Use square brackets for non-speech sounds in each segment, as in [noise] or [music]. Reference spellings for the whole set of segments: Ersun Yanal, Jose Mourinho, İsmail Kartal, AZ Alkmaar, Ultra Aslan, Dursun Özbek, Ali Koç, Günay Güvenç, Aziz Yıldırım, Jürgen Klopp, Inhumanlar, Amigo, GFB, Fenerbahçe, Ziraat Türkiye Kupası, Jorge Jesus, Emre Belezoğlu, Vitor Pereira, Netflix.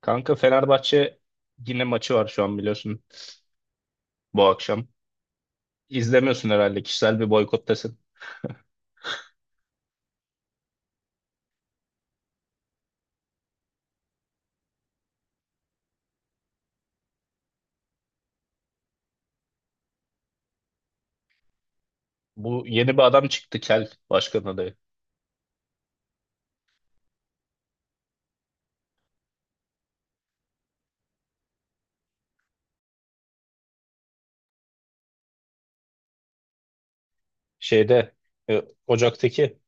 Kanka Fenerbahçe yine maçı var şu an biliyorsun bu akşam. İzlemiyorsun herhalde kişisel bir boykottasın. [laughs] Bu yeni bir adam çıktı Kel başkan adayı. Şeyde Ocak'taki.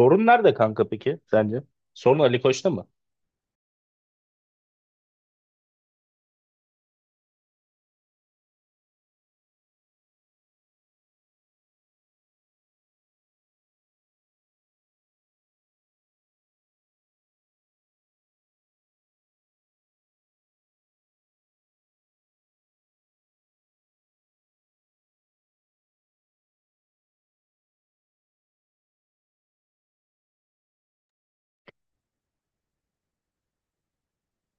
Sorun nerede kanka peki sence? Sorun Ali Koç'ta mı?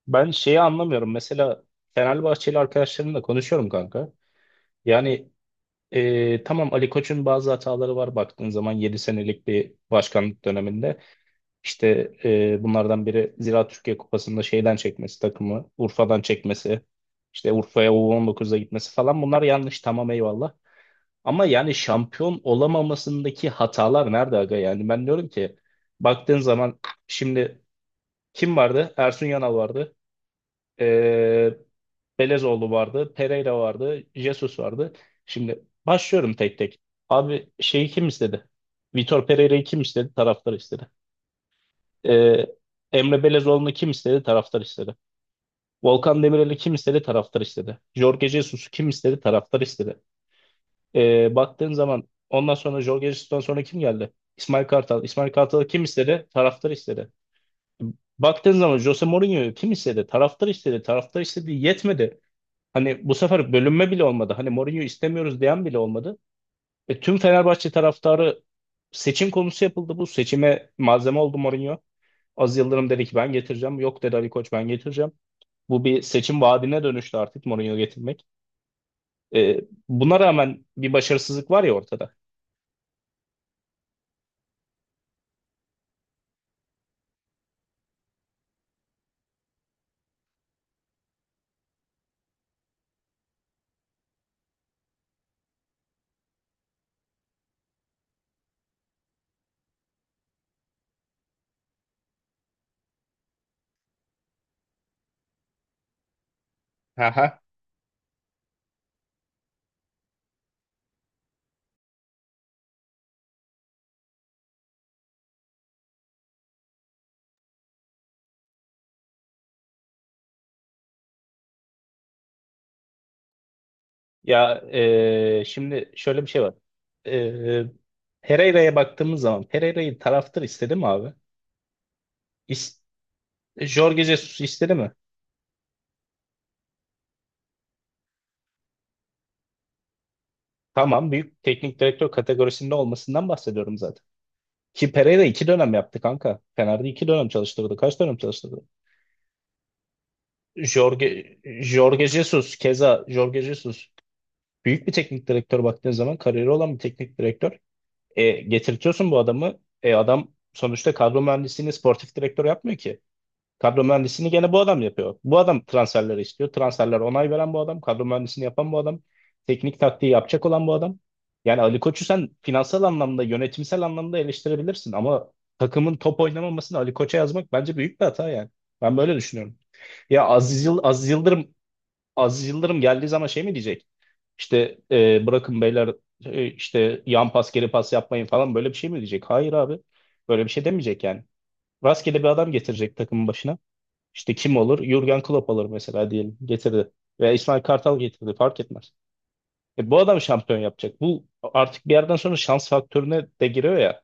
Ben şeyi anlamıyorum. Mesela Fenerbahçeli arkadaşlarımla konuşuyorum kanka. Yani tamam Ali Koç'un bazı hataları var baktığın zaman 7 senelik bir başkanlık döneminde. İşte bunlardan biri Ziraat Türkiye Kupası'nda şeyden çekmesi takımı, Urfa'dan çekmesi, işte Urfa'ya U19'da gitmesi falan bunlar yanlış tamam eyvallah. Ama yani şampiyon olamamasındaki hatalar nerede aga? Yani ben diyorum ki baktığın zaman şimdi kim vardı? Ersun Yanal vardı. E, Belezoğlu vardı, Pereira vardı, Jesus vardı. Şimdi başlıyorum tek tek. Abi şeyi kim istedi? Vitor Pereira'yı kim istedi? Taraftar istedi. Ee, Emre Belezoğlu'nu kim istedi? Taraftar istedi. Volkan Demirel'i kim istedi? Taraftar istedi. Jorge Jesus'u kim istedi? Taraftar istedi. Baktığın zaman ondan sonra Jorge Jesus'tan sonra kim geldi? İsmail Kartal. İsmail Kartal'ı kim istedi? Taraftar istedi. Baktığın zaman Jose Mourinho'yu kim istedi? Taraftar istedi. Taraftar istedi. Yetmedi. Hani bu sefer bölünme bile olmadı. Hani Mourinho istemiyoruz diyen bile olmadı. Tüm Fenerbahçe taraftarı seçim konusu yapıldı. Bu seçime malzeme oldu Mourinho. Az Yıldırım dedi ki ben getireceğim. Yok dedi Ali Koç ben getireceğim. Bu bir seçim vaadine dönüştü artık Mourinho getirmek. E, buna rağmen bir başarısızlık var ya ortada. Ya şimdi şöyle bir şey var. E, Pereira'ya baktığımız zaman Pereira'yı taraftır istedi mi abi? İs Jorge Jesus istedi mi? Tamam büyük teknik direktör kategorisinde olmasından bahsediyorum zaten. Ki Pereira iki dönem yaptı kanka. Fener'de iki dönem çalıştırdı. Kaç dönem çalıştırdı? Jorge Jesus keza Jorge Jesus büyük bir teknik direktör baktığın zaman kariyeri olan bir teknik direktör. Getirtiyorsun bu adamı. Adam sonuçta kadro mühendisliğini sportif direktör yapmıyor ki. Kadro mühendisliğini gene bu adam yapıyor. Bu adam transferleri istiyor. Transferler onay veren bu adam. Kadro mühendisliğini yapan bu adam. Teknik taktiği yapacak olan bu adam. Yani Ali Koç'u sen finansal anlamda, yönetimsel anlamda eleştirebilirsin ama takımın top oynamamasını Ali Koç'a yazmak bence büyük bir hata yani. Ben böyle düşünüyorum. Ya Aziz Yıldırım geldiği zaman şey mi diyecek? İşte bırakın beyler işte yan pas geri pas yapmayın falan böyle bir şey mi diyecek? Hayır abi. Böyle bir şey demeyecek yani. Rastgele bir adam getirecek takımın başına. İşte kim olur? Jürgen Klopp alır mesela diyelim. Getirdi. Veya İsmail Kartal getirdi. Fark etmez. Bu adam şampiyon yapacak. Bu artık bir yerden sonra şans faktörüne de giriyor ya.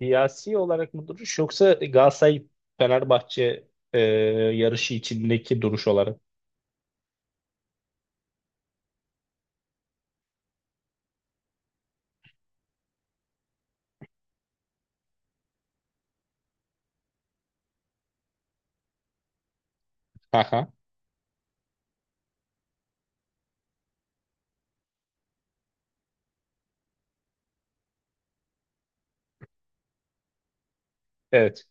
Siyasi olarak mı duruş yoksa Galatasaray Fenerbahçe e, yarışı içindeki duruş olarak? Aha. Evet.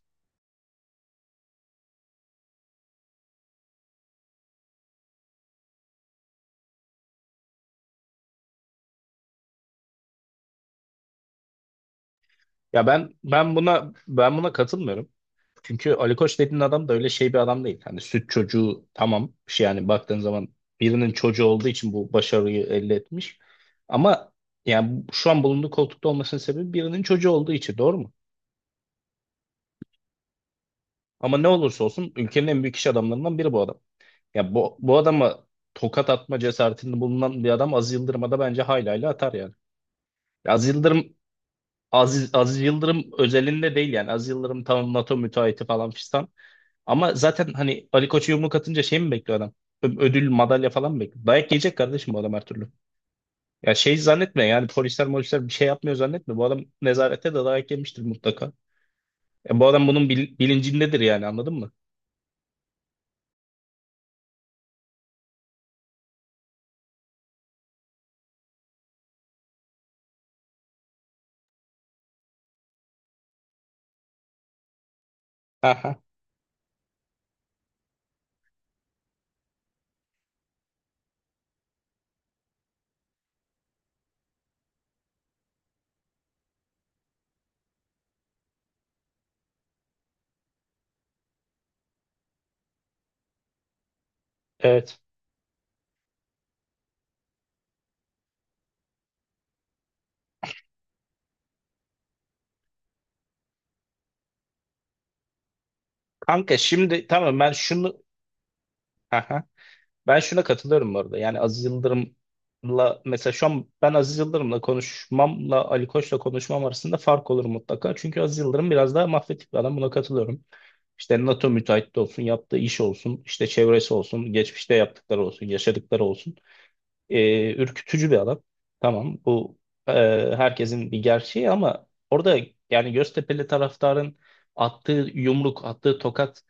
Ya ben buna katılmıyorum. Çünkü Ali Koç dediğin adam da öyle şey bir adam değil. Hani süt çocuğu tamam. Bir şey yani baktığın zaman birinin çocuğu olduğu için bu başarıyı elde etmiş. Ama yani şu an bulunduğu koltukta olmasının sebebi birinin çocuğu olduğu için doğru mu? Ama ne olursa olsun ülkenin en büyük iş adamlarından biri bu adam. Ya bu adama tokat atma cesaretinde bulunan bir adam Aziz Yıldırım'a da bence haylayla atar yani. Ya Aziz Yıldırım özelinde değil yani. Aziz Yıldırım tamam NATO müteahhiti falan fistan. Ama zaten hani Ali Koç'a yumruk atınca şey mi bekliyor adam? Ödül, madalya falan mı bekliyor? Dayak yiyecek kardeşim bu adam her türlü. Ya şey zannetme yani polisler molisler bir şey yapmıyor zannetme. Bu adam nezarette de dayak yemiştir mutlaka. Bu adam bunun bilincindedir yani anladın mı? Aha, evet. Kanka şimdi tamam ben şunu. Aha. Ben şuna katılıyorum bu arada. Yani Aziz Yıldırım'la mesela şu an ben Aziz Yıldırım'la konuşmamla Ali Koç'la konuşmam arasında fark olur mutlaka. Çünkü Aziz Yıldırım biraz daha mafyatik bir adam. Buna katılıyorum. İşte NATO müteahhit de olsun, yaptığı iş olsun, işte çevresi olsun, geçmişte yaptıkları olsun, yaşadıkları olsun. Ürkütücü bir adam. Tamam bu e, herkesin bir gerçeği ama orada yani Göztepe'li taraftarın attığı yumruk, attığı tokat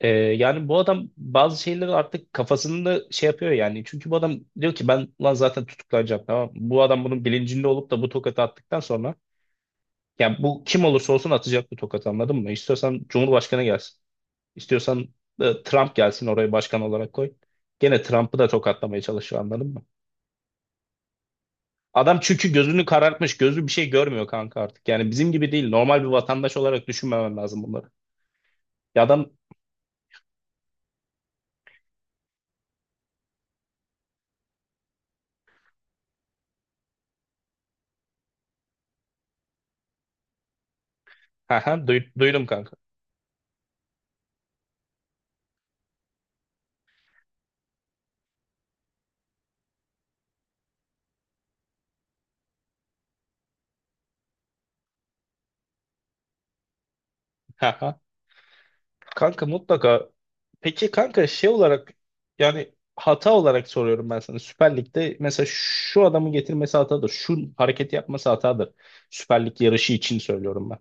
yani bu adam bazı şeyleri artık kafasında şey yapıyor yani. Çünkü bu adam diyor ki ben lan zaten tutuklanacağım tamam mı? Bu adam bunun bilincinde olup da bu tokatı attıktan sonra yani bu kim olursa olsun atacak bu tokatı anladın mı? İstiyorsan Cumhurbaşkanı gelsin. İstiyorsan Trump gelsin oraya başkan olarak koy. Gene Trump'ı da tokatlamaya çalışıyor anladın mı? Adam çünkü gözünü karartmış, gözü bir şey görmüyor kanka artık. Yani bizim gibi değil. Normal bir vatandaş olarak düşünmemen lazım bunları. Ya adam ha ha duydum kanka. [laughs] Kanka mutlaka. Peki kanka şey olarak yani hata olarak soruyorum ben sana. Süper Lig'de mesela şu adamı getirmesi hatadır. Şu hareketi yapması hatadır. Süper Lig yarışı için söylüyorum ben.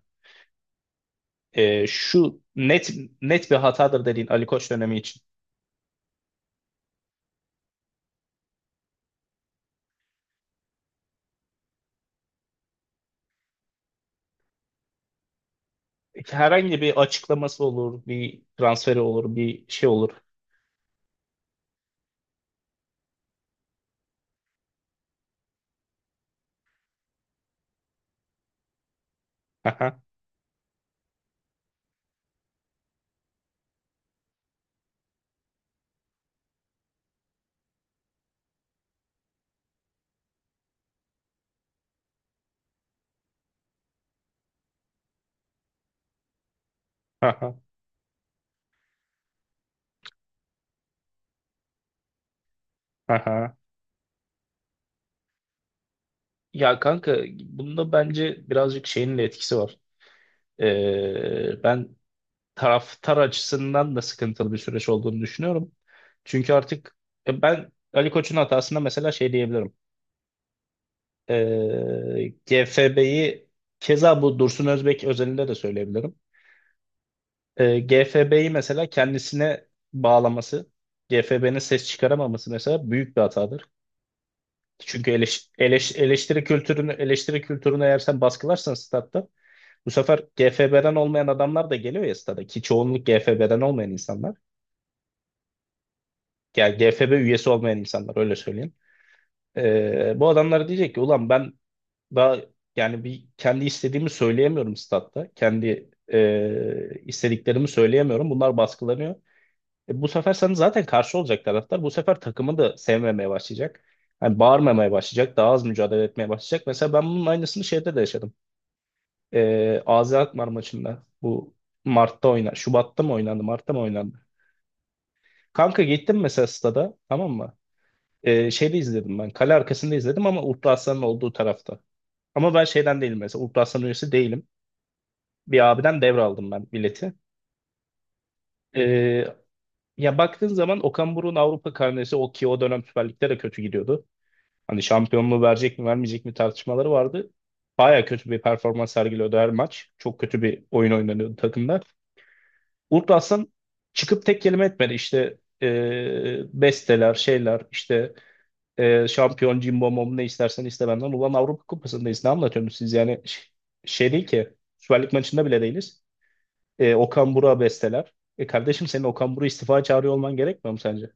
Şu net bir hatadır dediğin Ali Koç dönemi için. Herhangi bir açıklaması olur, bir transferi olur, bir şey olur. Aha, aha, aha. Ya kanka bunda bence birazcık şeyin de etkisi var. Ben taraftar açısından da sıkıntılı bir süreç olduğunu düşünüyorum. Çünkü artık ben Ali Koç'un hatasında mesela şey diyebilirim. GFB'yi keza bu Dursun Özbek özelinde de söyleyebilirim. GFB'yi mesela kendisine bağlaması, GFB'nin ses çıkaramaması mesela büyük bir hatadır. Çünkü eleştiri kültürünü eğer sen baskılarsan statta bu sefer GFB'den olmayan adamlar da geliyor ya stada ki çoğunluk GFB'den olmayan insanlar. Yani GFB üyesi olmayan insanlar öyle söyleyeyim. Bu adamlar diyecek ki ulan ben daha yani bir kendi istediğimi söyleyemiyorum statta. Kendi istediklerimi söyleyemiyorum. Bunlar baskılanıyor. Bu sefer sana zaten karşı olacak taraftar. Bu sefer takımı da sevmemeye başlayacak. Yani bağırmamaya başlayacak. Daha az mücadele etmeye başlayacak. Mesela ben bunun aynısını şeyde de yaşadım. AZ Alkmaar maçında. Bu Mart'ta oynan, Şubat'ta mı oynandı? Mart'ta mı oynandı? Kanka gittim mesela stada tamam mı? Şeyde izledim ben. Kale arkasında izledim ama Ultra Aslan'ın olduğu tarafta. Ama ben şeyden değilim mesela. Ultra Aslan üyesi değilim. Bir abiden devraldım ben bileti. Ee, ya baktığın zaman Okan Buruk'un Avrupa karnesi o ki o dönem Süper Lig'de de kötü gidiyordu. Hani şampiyonluğu verecek mi vermeyecek mi tartışmaları vardı. Baya kötü bir performans sergiliyordu her maç. Çok kötü bir oyun oynanıyordu takımda. Ultra Aslan çıkıp tek kelime etmedi. İşte besteler, şeyler, işte şampiyon cimbom bom ne istersen iste benden. Ulan Avrupa Kupası'ndayız. Ne anlatıyorsunuz siz yani? Şey değil ki. Süper Lig maçında bile değiliz. Okan Buruk'a besteler. Kardeşim senin Okan Buruk'u istifa çağırıyor olman gerekmiyor mu sence?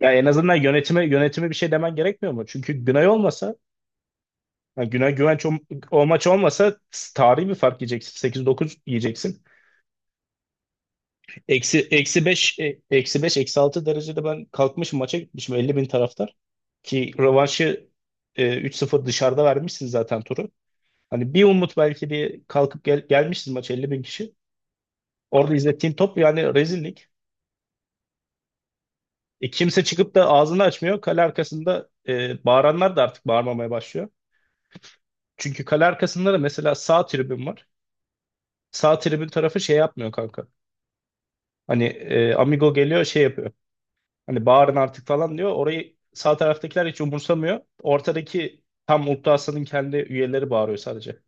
Ya en azından yönetime bir şey demen gerekmiyor mu? Çünkü Günay olmasa, yani Günay Güvenç o maç olmasa tarihi bir fark yiyeceksin. 8-9 yiyeceksin. Eksi 5, eksi 5 eksi 6 derecede ben kalkmışım maça gitmişim 50.000 taraftar. Ki rövanşı 3-0 dışarıda vermişsin zaten turu. Hani bir umut belki bir kalkıp gelmişiz maç 50.000 kişi. Orada izlettiğin top yani rezillik. Kimse çıkıp da ağzını açmıyor. Kale arkasında bağıranlar da artık bağırmamaya başlıyor. Çünkü kale arkasında da mesela sağ tribün var. Sağ tribün tarafı şey yapmıyor kanka. Hani Amigo geliyor şey yapıyor. Hani bağırın artık falan diyor. Orayı sağ taraftakiler hiç umursamıyor. Ortadaki tam Mutlu Aslan'ın kendi üyeleri bağırıyor sadece.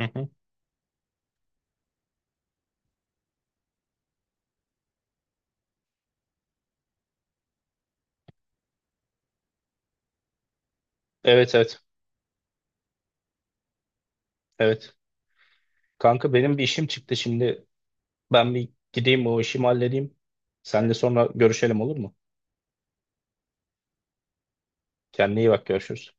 Hı hı. Evet evet. Evet. Kanka benim bir işim çıktı şimdi. Ben bir gideyim o işimi halledeyim. Seninle sonra görüşelim olur mu? Kendine iyi bak görüşürüz.